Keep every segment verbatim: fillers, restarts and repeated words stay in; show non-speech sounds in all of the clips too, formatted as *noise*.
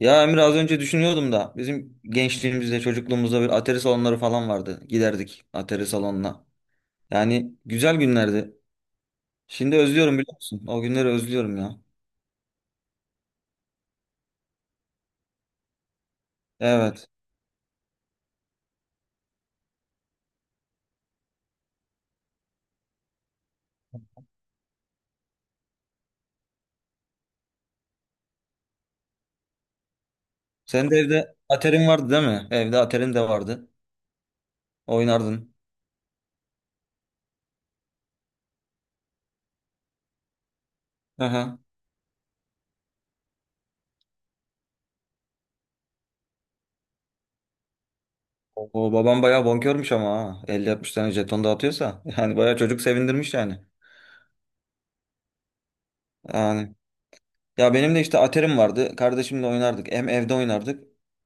Ya Emir az önce düşünüyordum da bizim gençliğimizde çocukluğumuzda bir atari salonları falan vardı. Giderdik atari salonuna. Yani güzel günlerdi. Şimdi özlüyorum biliyor musun? O günleri özlüyorum ya. Evet. Sen de evde aterin vardı değil mi? Evde aterin de vardı. Oynardın. Aha. O babam bayağı bonkörmüş ama ha. elli altmış tane jeton dağıtıyorsa. *laughs* Yani bayağı çocuk sevindirmiş yani. Yani. Ya benim de işte aterim vardı. Kardeşimle oynardık. Hem evde oynardık.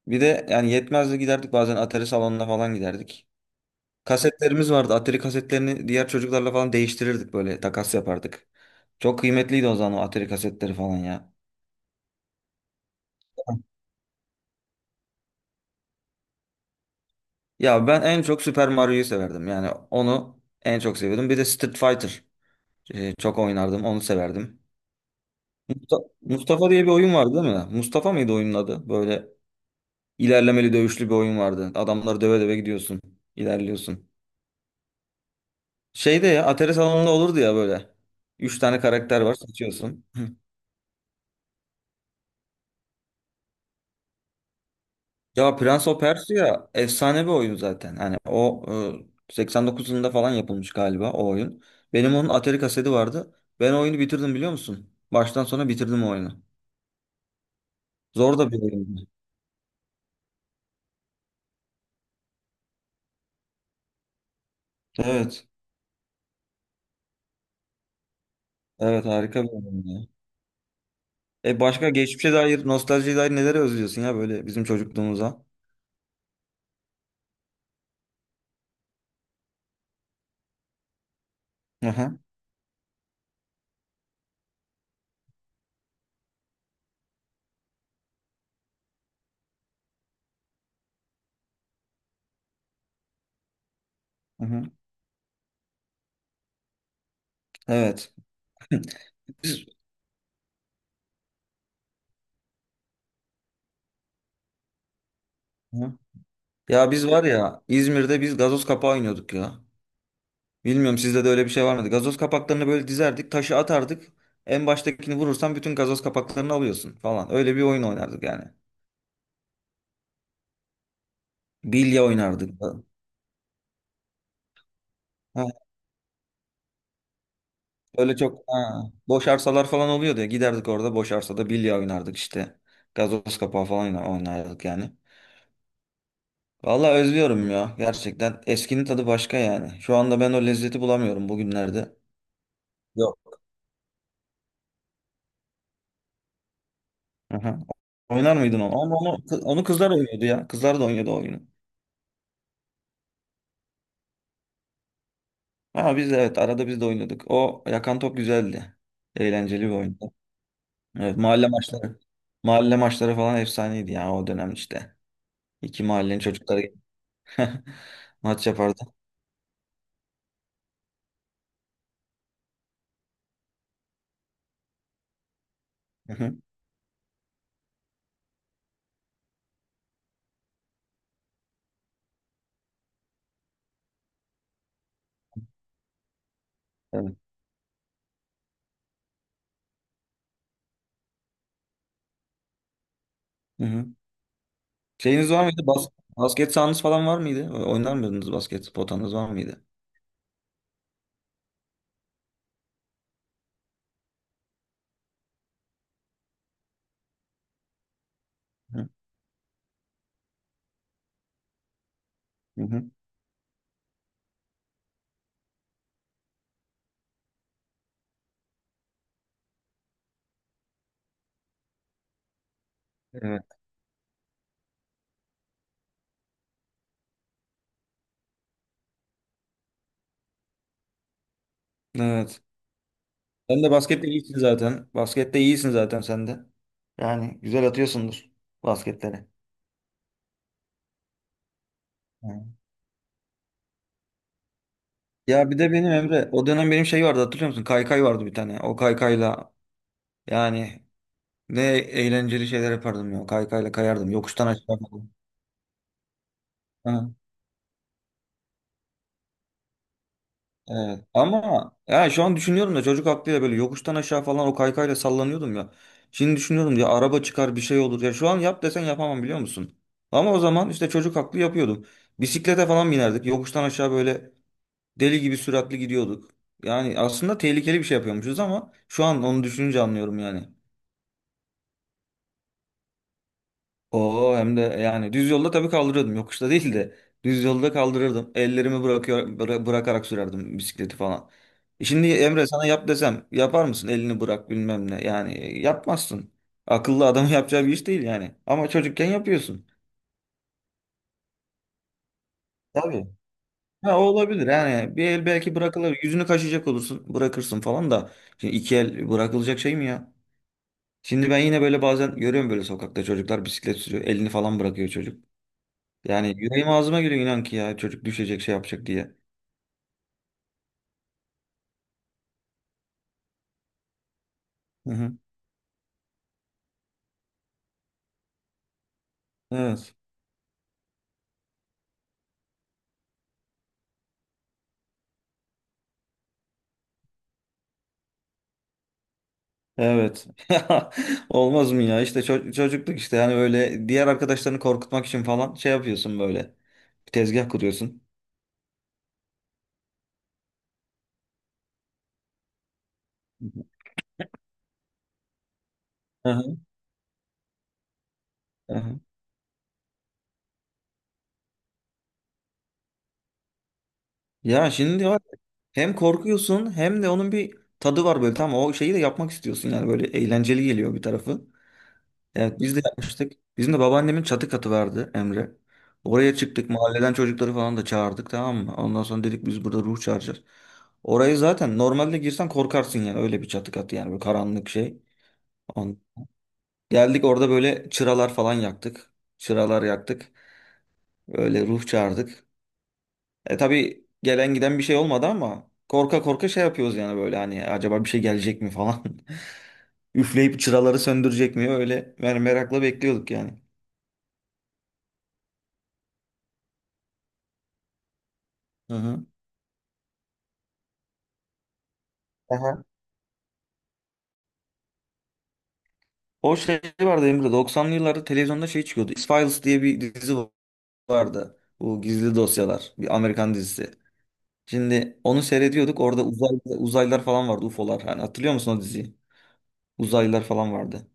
Bir de yani yetmezdi giderdik bazen atari salonuna falan giderdik. Kasetlerimiz vardı. Atari kasetlerini diğer çocuklarla falan değiştirirdik böyle takas yapardık. Çok kıymetliydi o zaman o Atari kasetleri falan ya. *laughs* Ya ben en çok Super Mario'yu severdim. Yani onu en çok seviyordum. Bir de Street Fighter e, çok oynardım. Onu severdim. Musta- Mustafa diye bir oyun vardı değil mi? Mustafa mıydı oyunun adı? Böyle ilerlemeli dövüşlü bir oyun vardı. Adamları döve döve gidiyorsun. İlerliyorsun. Şeyde ya Atari salonunda olurdu ya böyle. Üç tane karakter var seçiyorsun. *laughs* Ya Prince of Persia efsane bir oyun zaten. Hani o e, seksen dokuz yılında falan yapılmış galiba o oyun. Benim onun Atari kaseti vardı. Ben o oyunu bitirdim biliyor musun? Baştan sona bitirdim o oyunu. Zor da bir oyundu. Evet. Evet harika bir oyun ya. E başka geçmişe dair, nostaljiye dair neleri özlüyorsun ya böyle bizim çocukluğumuza? Hı hı. Hı hı. Evet. *laughs* Biz, hı. Ya biz var ya İzmir'de biz gazoz kapağı oynuyorduk ya. Bilmiyorum sizde de öyle bir şey var mıydı? Gazoz kapaklarını böyle dizerdik, taşı atardık. En baştakini vurursan bütün gazoz kapaklarını alıyorsun falan. Öyle bir oyun oynardık yani. Bilye oynardık. Ha, öyle çok ha, boş arsalar falan oluyordu ya. Giderdik orada boş arsada bilye oynardık işte. Gazoz kapağı falan oyna- oynardık yani. Vallahi özlüyorum ya gerçekten. Eskinin tadı başka yani. Şu anda ben o lezzeti bulamıyorum bugünlerde. Yok. Aha. Oynar mıydın onu? Ama onu, onu kızlar oynuyordu ya. Kızlar da oynuyordu o oyunu. Ha biz de evet arada biz de oynadık. O yakan top güzeldi. Eğlenceli bir oyundu. Evet mahalle maçları. Mahalle maçları falan efsaneydi ya o dönem işte. İki mahallenin çocukları gelip *laughs* maç yapardı. Hı hı. Evet. Hı hı. Şeyiniz var mıydı? Bas basket sahanız falan var mıydı? O- Oynar mıydınız basket? Potanız var mıydı? Hı hı. Hı. Evet. Evet. Sen de baskette iyisin zaten. Baskette iyisin zaten sen de. Yani güzel atıyorsundur basketleri. Ya bir de benim Emre o dönem benim şey vardı hatırlıyor musun? Kaykay vardı bir tane. O kaykayla yani ne eğlenceli şeyler yapardım ya. Kaykayla kayardım. Yokuştan aşağı falan. Ha, evet. Ama ya şu an düşünüyorum da çocuk aklıyla böyle yokuştan aşağı falan o kaykayla sallanıyordum ya. Şimdi düşünüyorum ya araba çıkar bir şey olur. Ya şu an yap desen yapamam biliyor musun? Ama o zaman işte çocuk aklı yapıyordum. Bisiklete falan binerdik. Yokuştan aşağı böyle deli gibi süratli gidiyorduk. Yani aslında tehlikeli bir şey yapıyormuşuz ama şu an onu düşününce anlıyorum yani. Oo hem de yani düz yolda tabii kaldırıyordum. Yokuşta değil de düz yolda kaldırırdım. Ellerimi bırakıyor bıra- bırakarak sürerdim bisikleti falan. E Şimdi Emre sana yap desem yapar mısın? Elini bırak bilmem ne. Yani e, yapmazsın. Akıllı adamın *laughs* yapacağı bir iş değil yani. Ama çocukken yapıyorsun. Tabii. Ha, o olabilir yani. Bir el belki bırakılır. Yüzünü kaşıyacak olursun. Bırakırsın falan da. Şimdi iki el bırakılacak şey mi ya? Şimdi ben yine böyle bazen görüyorum böyle sokakta çocuklar bisiklet sürüyor. Elini falan bırakıyor çocuk. Yani yüreğim ağzıma geliyor inan ki ya çocuk düşecek şey yapacak diye. Hı hı. Evet. Evet. *laughs* Olmaz mı ya? İşte ço- çocukluk işte yani öyle diğer arkadaşlarını korkutmak için falan şey yapıyorsun böyle. Bir tezgah kuruyorsun. Hı hı. Hı hı. Ya şimdi var ya, hem korkuyorsun hem de onun bir tadı var böyle tamam o şeyi de yapmak istiyorsun yani böyle eğlenceli geliyor bir tarafı. Evet biz de yapmıştık. Bizim de babaannemin çatı katı vardı Emre. Oraya çıktık mahalleden çocukları falan da çağırdık tamam mı? Ondan sonra dedik biz burada ruh çağıracağız. Orayı zaten normalde girsen korkarsın yani öyle bir çatı katı yani böyle karanlık şey. On. Geldik orada böyle çıralar falan yaktık. Çıralar yaktık. Öyle ruh çağırdık. E tabii gelen giden bir şey olmadı ama korka korka şey yapıyoruz yani böyle hani acaba bir şey gelecek mi falan. *laughs* Üfleyip çıraları söndürecek mi öyle yani merakla bekliyorduk yani. Hı hı. O şey vardı Emre doksanlı yıllarda televizyonda şey çıkıyordu. X-Files diye bir dizi vardı. Bu gizli dosyalar. Bir Amerikan dizisi. Şimdi onu seyrediyorduk. Orada uzay, uzaylılar falan vardı. U F O'lar. Hani hatırlıyor musun o diziyi? Uzaylılar falan vardı.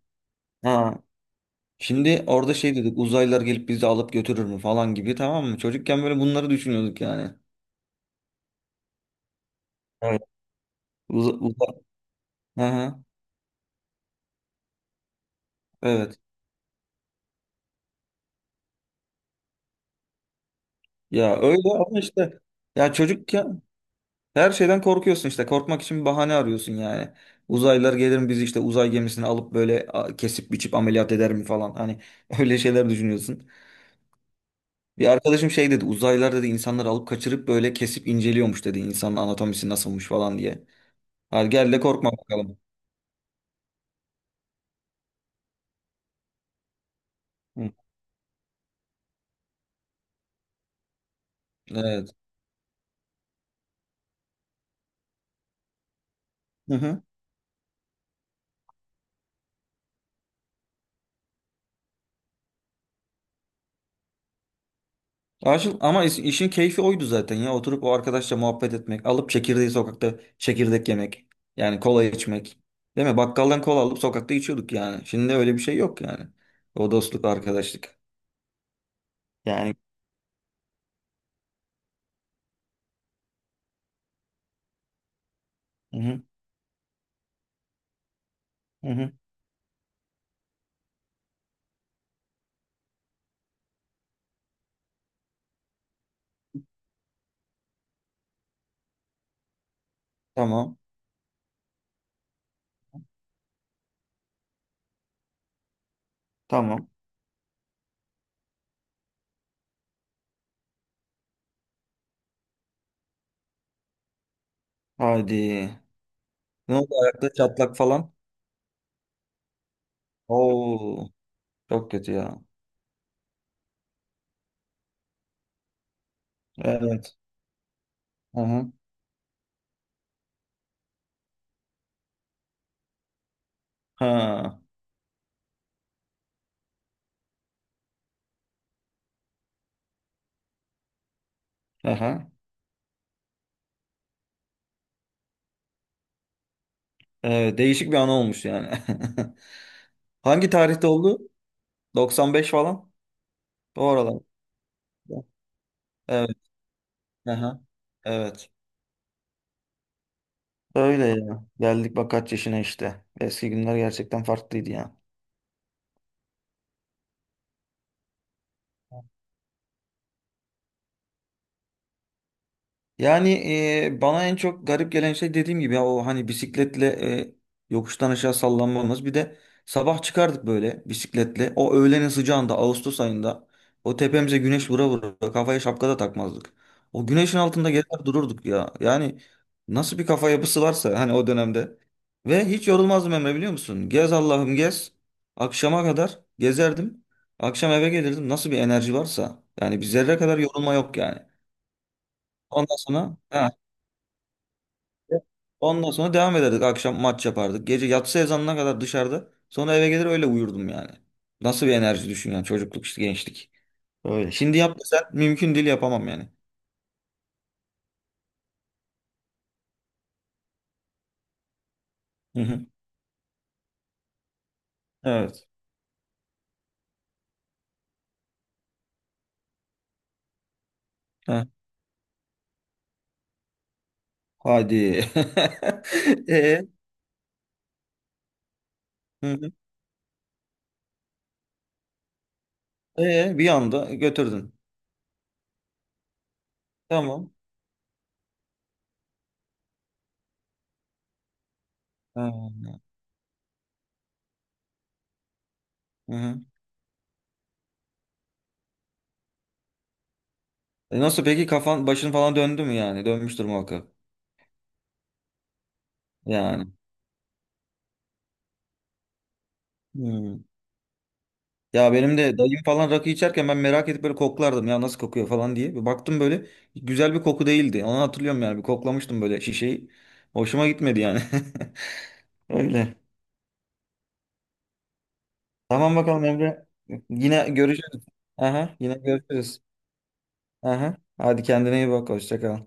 Ha. Şimdi orada şey dedik. Uzaylılar gelip bizi alıp götürür mü falan gibi tamam mı? Çocukken böyle bunları düşünüyorduk yani. Evet. Uza, uza- Hı hı. Evet. Ya öyle ama işte ya çocuk her şeyden korkuyorsun işte. Korkmak için bir bahane arıyorsun yani. Uzaylılar gelir mi bizi işte uzay gemisine alıp böyle a, kesip biçip ameliyat eder mi falan. Hani *laughs* öyle şeyler düşünüyorsun. Bir arkadaşım şey dedi. Uzaylılar dedi insanları alıp kaçırıp böyle kesip inceliyormuş dedi. İnsanın anatomisi nasılmış falan diye. Hadi gel de korkma bakalım. Hı. Evet. Hı hı. Aşıl ama iş- işin keyfi oydu zaten ya. Oturup o arkadaşla muhabbet etmek, alıp çekirdeği sokakta çekirdek yemek. Yani kola içmek. Değil mi? Bakkaldan kola alıp sokakta içiyorduk yani. Şimdi öyle bir şey yok yani. O dostluk, arkadaşlık. Yani hı hı, hı hı. Tamam. Tamam. Hadi. Ne oldu ayakta çatlak falan? Oo, çok kötü ya. Evet. Hı hı. Ha. Aha. Evet, değişik bir an olmuş yani. *laughs* Hangi tarihte oldu? doksan beş falan. O aralar. Evet. Aha. Evet. Öyle ya. Geldik bak kaç yaşına işte. Eski günler gerçekten farklıydı ya. Yani e, bana en çok garip gelen şey dediğim gibi ya o hani bisikletle e, yokuştan aşağı sallanmamız. Bir de sabah çıkardık böyle bisikletle. O öğlenin sıcağında Ağustos ayında o tepemize güneş vura vura kafaya şapka da takmazdık. O güneşin altında gezer dururduk ya. Yani nasıl bir kafa yapısı varsa hani o dönemde. Ve hiç yorulmazdım Emre biliyor musun? Gez Allah'ım gez. Akşama kadar gezerdim. Akşam eve gelirdim. Nasıl bir enerji varsa. Yani bir zerre kadar yorulma yok yani. Ondan sonra ha, ondan sonra devam ederdik. Akşam maç yapardık. Gece yatsı ezanına kadar dışarıda. Sonra eve gelir öyle uyurdum yani. Nasıl bir enerji düşün yani çocukluk işte gençlik. Öyle. Şimdi yap desen mümkün değil yapamam yani. Hı hı. Evet. Heh. Hadi. *laughs* E, hı hı. E, bir anda götürdün. Tamam. Ha, hı hı. E nasıl peki kafan başın falan döndü mü yani? Dönmüştür muhakkak. Yani. Hı. Ya benim de dayım falan rakı içerken ben merak edip böyle koklardım ya nasıl kokuyor falan diye. Bir baktım böyle güzel bir koku değildi. Onu hatırlıyorum yani bir koklamıştım böyle şişeyi. Hoşuma gitmedi yani. *laughs* Öyle. Tamam bakalım Emre. Yine görüşürüz. Aha, yine görüşürüz. Aha. Hadi kendine iyi bak. Hoşça kal.